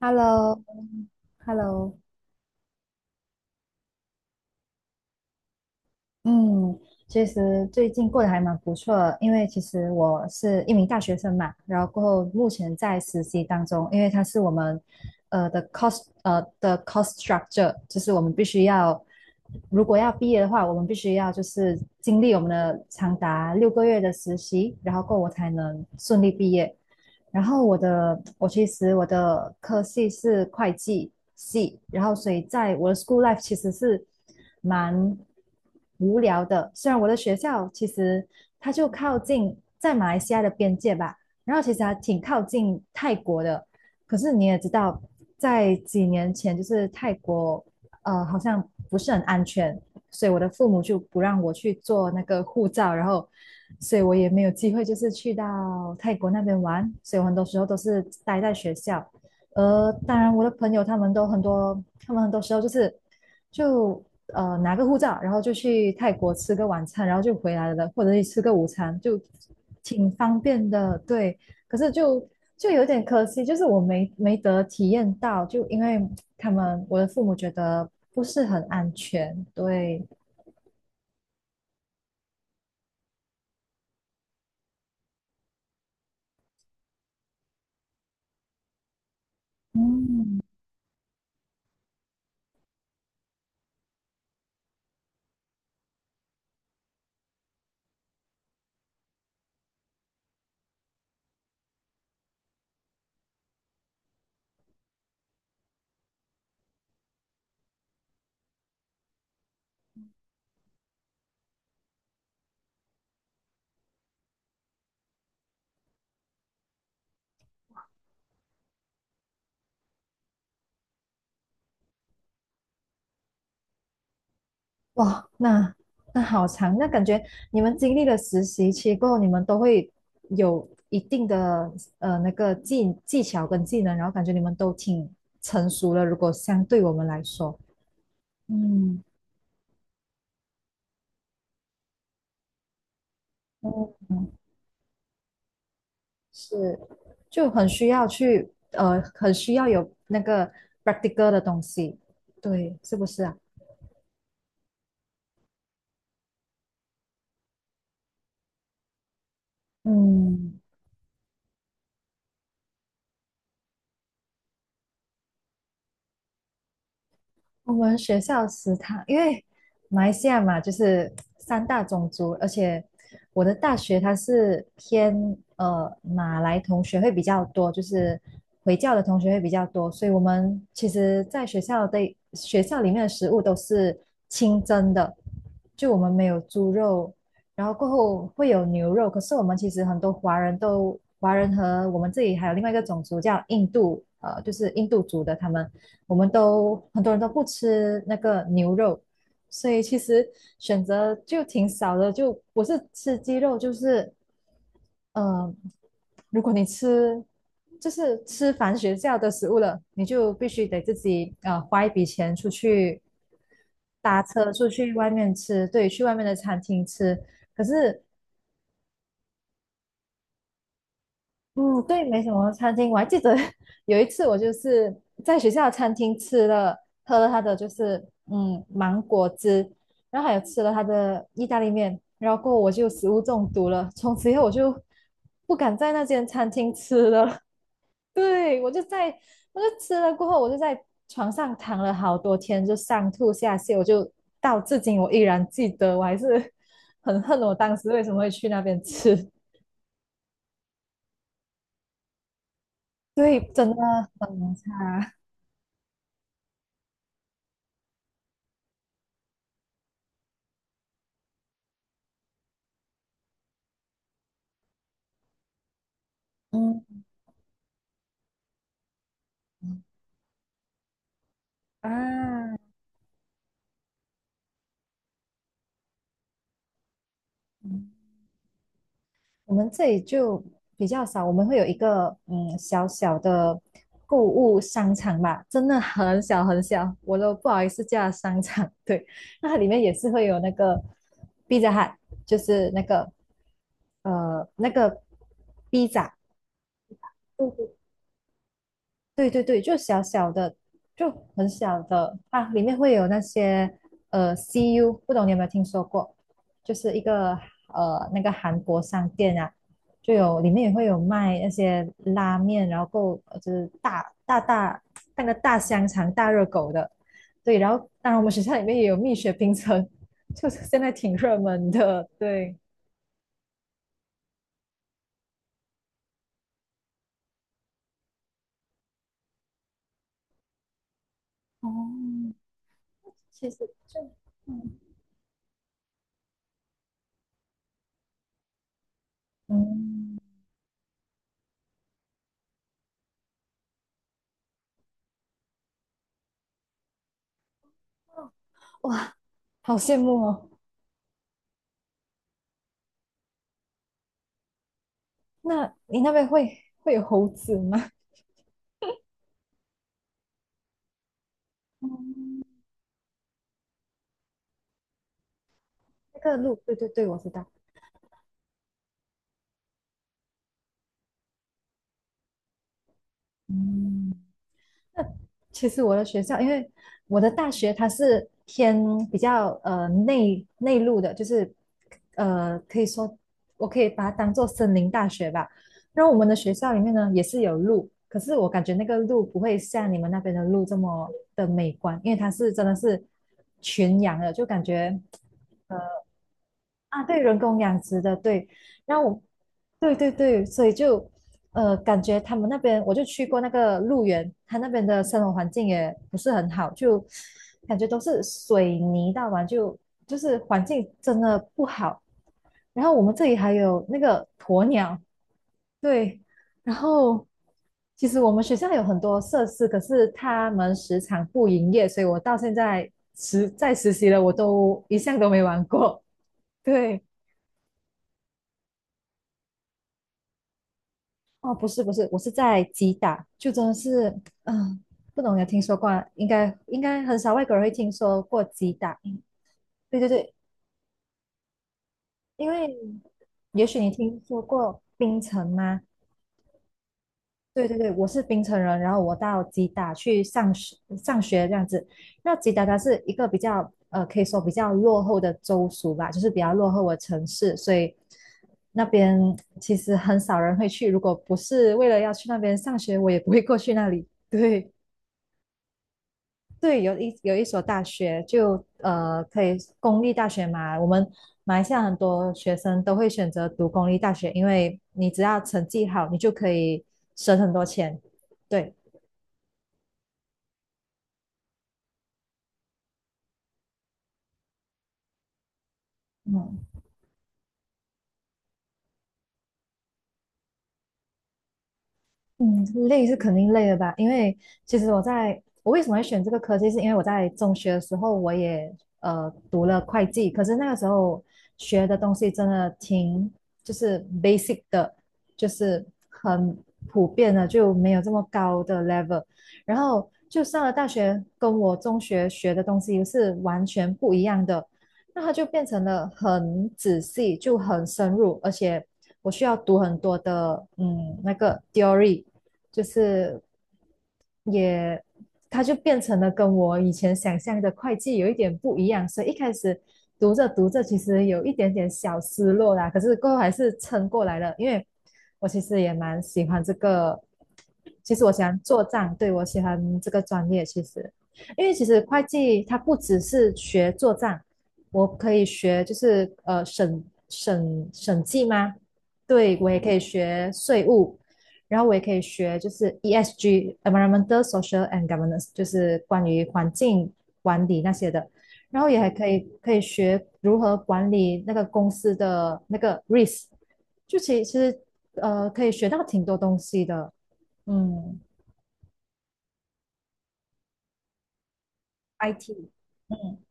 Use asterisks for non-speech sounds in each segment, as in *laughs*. Hello，Hello，嗯，其实最近过得还蛮不错的，因为其实我是一名大学生嘛，然后过后目前在实习当中，因为它是我们的 cost structure，就是我们必须要，如果要毕业的话，我们必须要就是经历我们的长达6个月的实习，然后过后我才能顺利毕业。然后我的我其实我的科系是会计系，然后所以在我的 school life 其实是蛮无聊的。虽然我的学校其实它就靠近在马来西亚的边界吧，然后其实还挺靠近泰国的。可是你也知道，在几年前就是泰国好像不是很安全，所以我的父母就不让我去做那个护照，然后所以我也没有机会就是去到泰国那边玩，所以我很多时候都是待在学校。当然我的朋友他们都很多，他们很多时候就是就拿个护照，然后就去泰国吃个晚餐，然后就回来了，或者是吃个午餐，就挺方便的。对，可是就有点可惜，就是我没得体验到，就因为他们我的父母觉得不是很安全。对，嗯。哇，那好长，那感觉你们经历了实习期过后，你们都会有一定的那个技巧跟技能，然后感觉你们都挺成熟了。如果相对我们来说，嗯嗯，是，就很需要去很需要有那个 practical 的东西，对，是不是啊？嗯。我们学校食堂，因为马来西亚嘛，就是三大种族，而且我的大学它是偏马来同学会比较多，就是回教的同学会比较多，所以我们其实在学校里面的食物都是清真的，就我们没有猪肉，然后过后会有牛肉，可是我们其实很多华人和我们这里还有另外一个种族叫印度，就是印度族的他们。我们都很多人都不吃那个牛肉，所以其实选择就挺少的。就我是吃鸡肉，就是嗯，如果你吃就是吃凡学校的食物了，你就必须得自己花一笔钱出去搭车出去外面吃，对，去外面的餐厅吃。可是嗯，对，没什么餐厅，我还记得 *laughs* 有一次我就是在学校的餐厅喝了他的就是芒果汁，然后还有吃了他的意大利面，然后过后我就食物中毒了，从此以后我就不敢在那间餐厅吃了。*laughs* 对，我就吃了过后，我就在床上躺了好多天，就上吐下泻，我就到至今我依然记得，我还是很恨我当时为什么会去那边吃。*laughs* 对，真的很差。嗯。啊，我们这里就比较少，我们会有一个小小的购物商场吧，真的很小很小，我都不好意思叫它商场。对，那它里面也是会有那个 Pizza Hut，就是那个 pizza，对对对，就小小的，就很小的啊，里面会有那些CU，不懂你有没有听说过？就是一个那个韩国商店啊，里面也会有卖那些拉面，然后够就是大那个大香肠、大热狗的，对，然后当然我们学校里面也有蜜雪冰城，*laughs* 就是现在挺热门的，对，哦，其实就嗯，嗯，哇，好羡慕哦。那你那边会有猴子吗？嗯，那个路，对对对，我知道。嗯，其实我的学校，因为我的大学它是偏比较内陆的，就是可以说我可以把它当做森林大学吧。然后我们的学校里面呢也是有路，可是我感觉那个路不会像你们那边的路这么的美观，因为它是真的是群羊的，就感觉啊，对，人工养殖的，对，然后我，对对对，所以就，感觉他们那边，我就去过那个鹿园，他那边的生活环境也不是很好，就感觉都是水泥道嘛，就是环境真的不好。然后我们这里还有那个鸵鸟，对，然后其实我们学校有很多设施，可是他们时常不营业，所以我到现在实习了，我都一项都没玩过，*laughs* 对。哦，不是不是，我是在吉打，就真的是，嗯、不懂有听说过啊应该很少外国人会听说过吉打。对对对，因为也许你听说过槟城吗？对对对，我是槟城人，然后我到吉打去上学这样子。那吉打它是一个比较可以说比较落后的州属吧，就是比较落后的城市，所以那边其实很少人会去。如果不是为了要去那边上学，我也不会过去那里。对。对，有一所大学就可以公立大学嘛，我们马来西亚很多学生都会选择读公立大学，因为你只要成绩好，你就可以省很多钱。对，嗯。嗯，累是肯定累的吧？因为其实我为什么会选这个科技，是因为我在中学的时候我也读了会计，可是那个时候学的东西真的挺就是 basic 的，就是很普遍的，就没有这么高的 level。然后就上了大学，跟我中学学的东西是完全不一样的，那它就变成了很仔细，就很深入，而且我需要读很多的那个 theory。就是也，它就变成了跟我以前想象的会计有一点不一样，所以一开始读着读着，其实有一点点小失落啦，可是过后还是撑过来了，因为我其实也蛮喜欢这个，其实我喜欢做账，对，我喜欢这个专业，其实，因为其实会计它不只是学做账，我可以学就是审计吗？对，我也可以学税务。然后我也可以学就是 ESG（Environmental, Social and Governance），就是关于环境管理那些的。然后也还可以学如何管理那个公司的那个 risk，就其实可以学到挺多东西的。嗯，IT 嗯，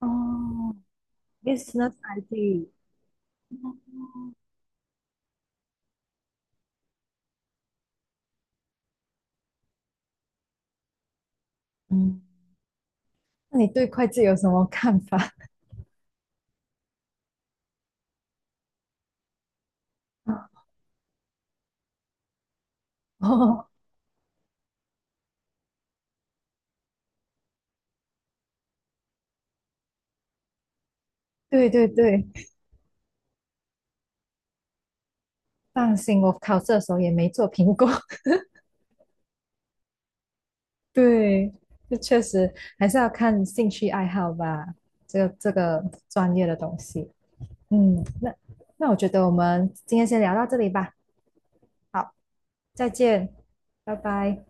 哦，business i t 嗯，那你对会计有什么看法？*laughs* 哦，对对对，放心，我考试的时候也没做评估。对，这确实还是要看兴趣爱好吧，这个专业的东西。嗯，那我觉得我们今天先聊到这里吧。好，再见，拜拜。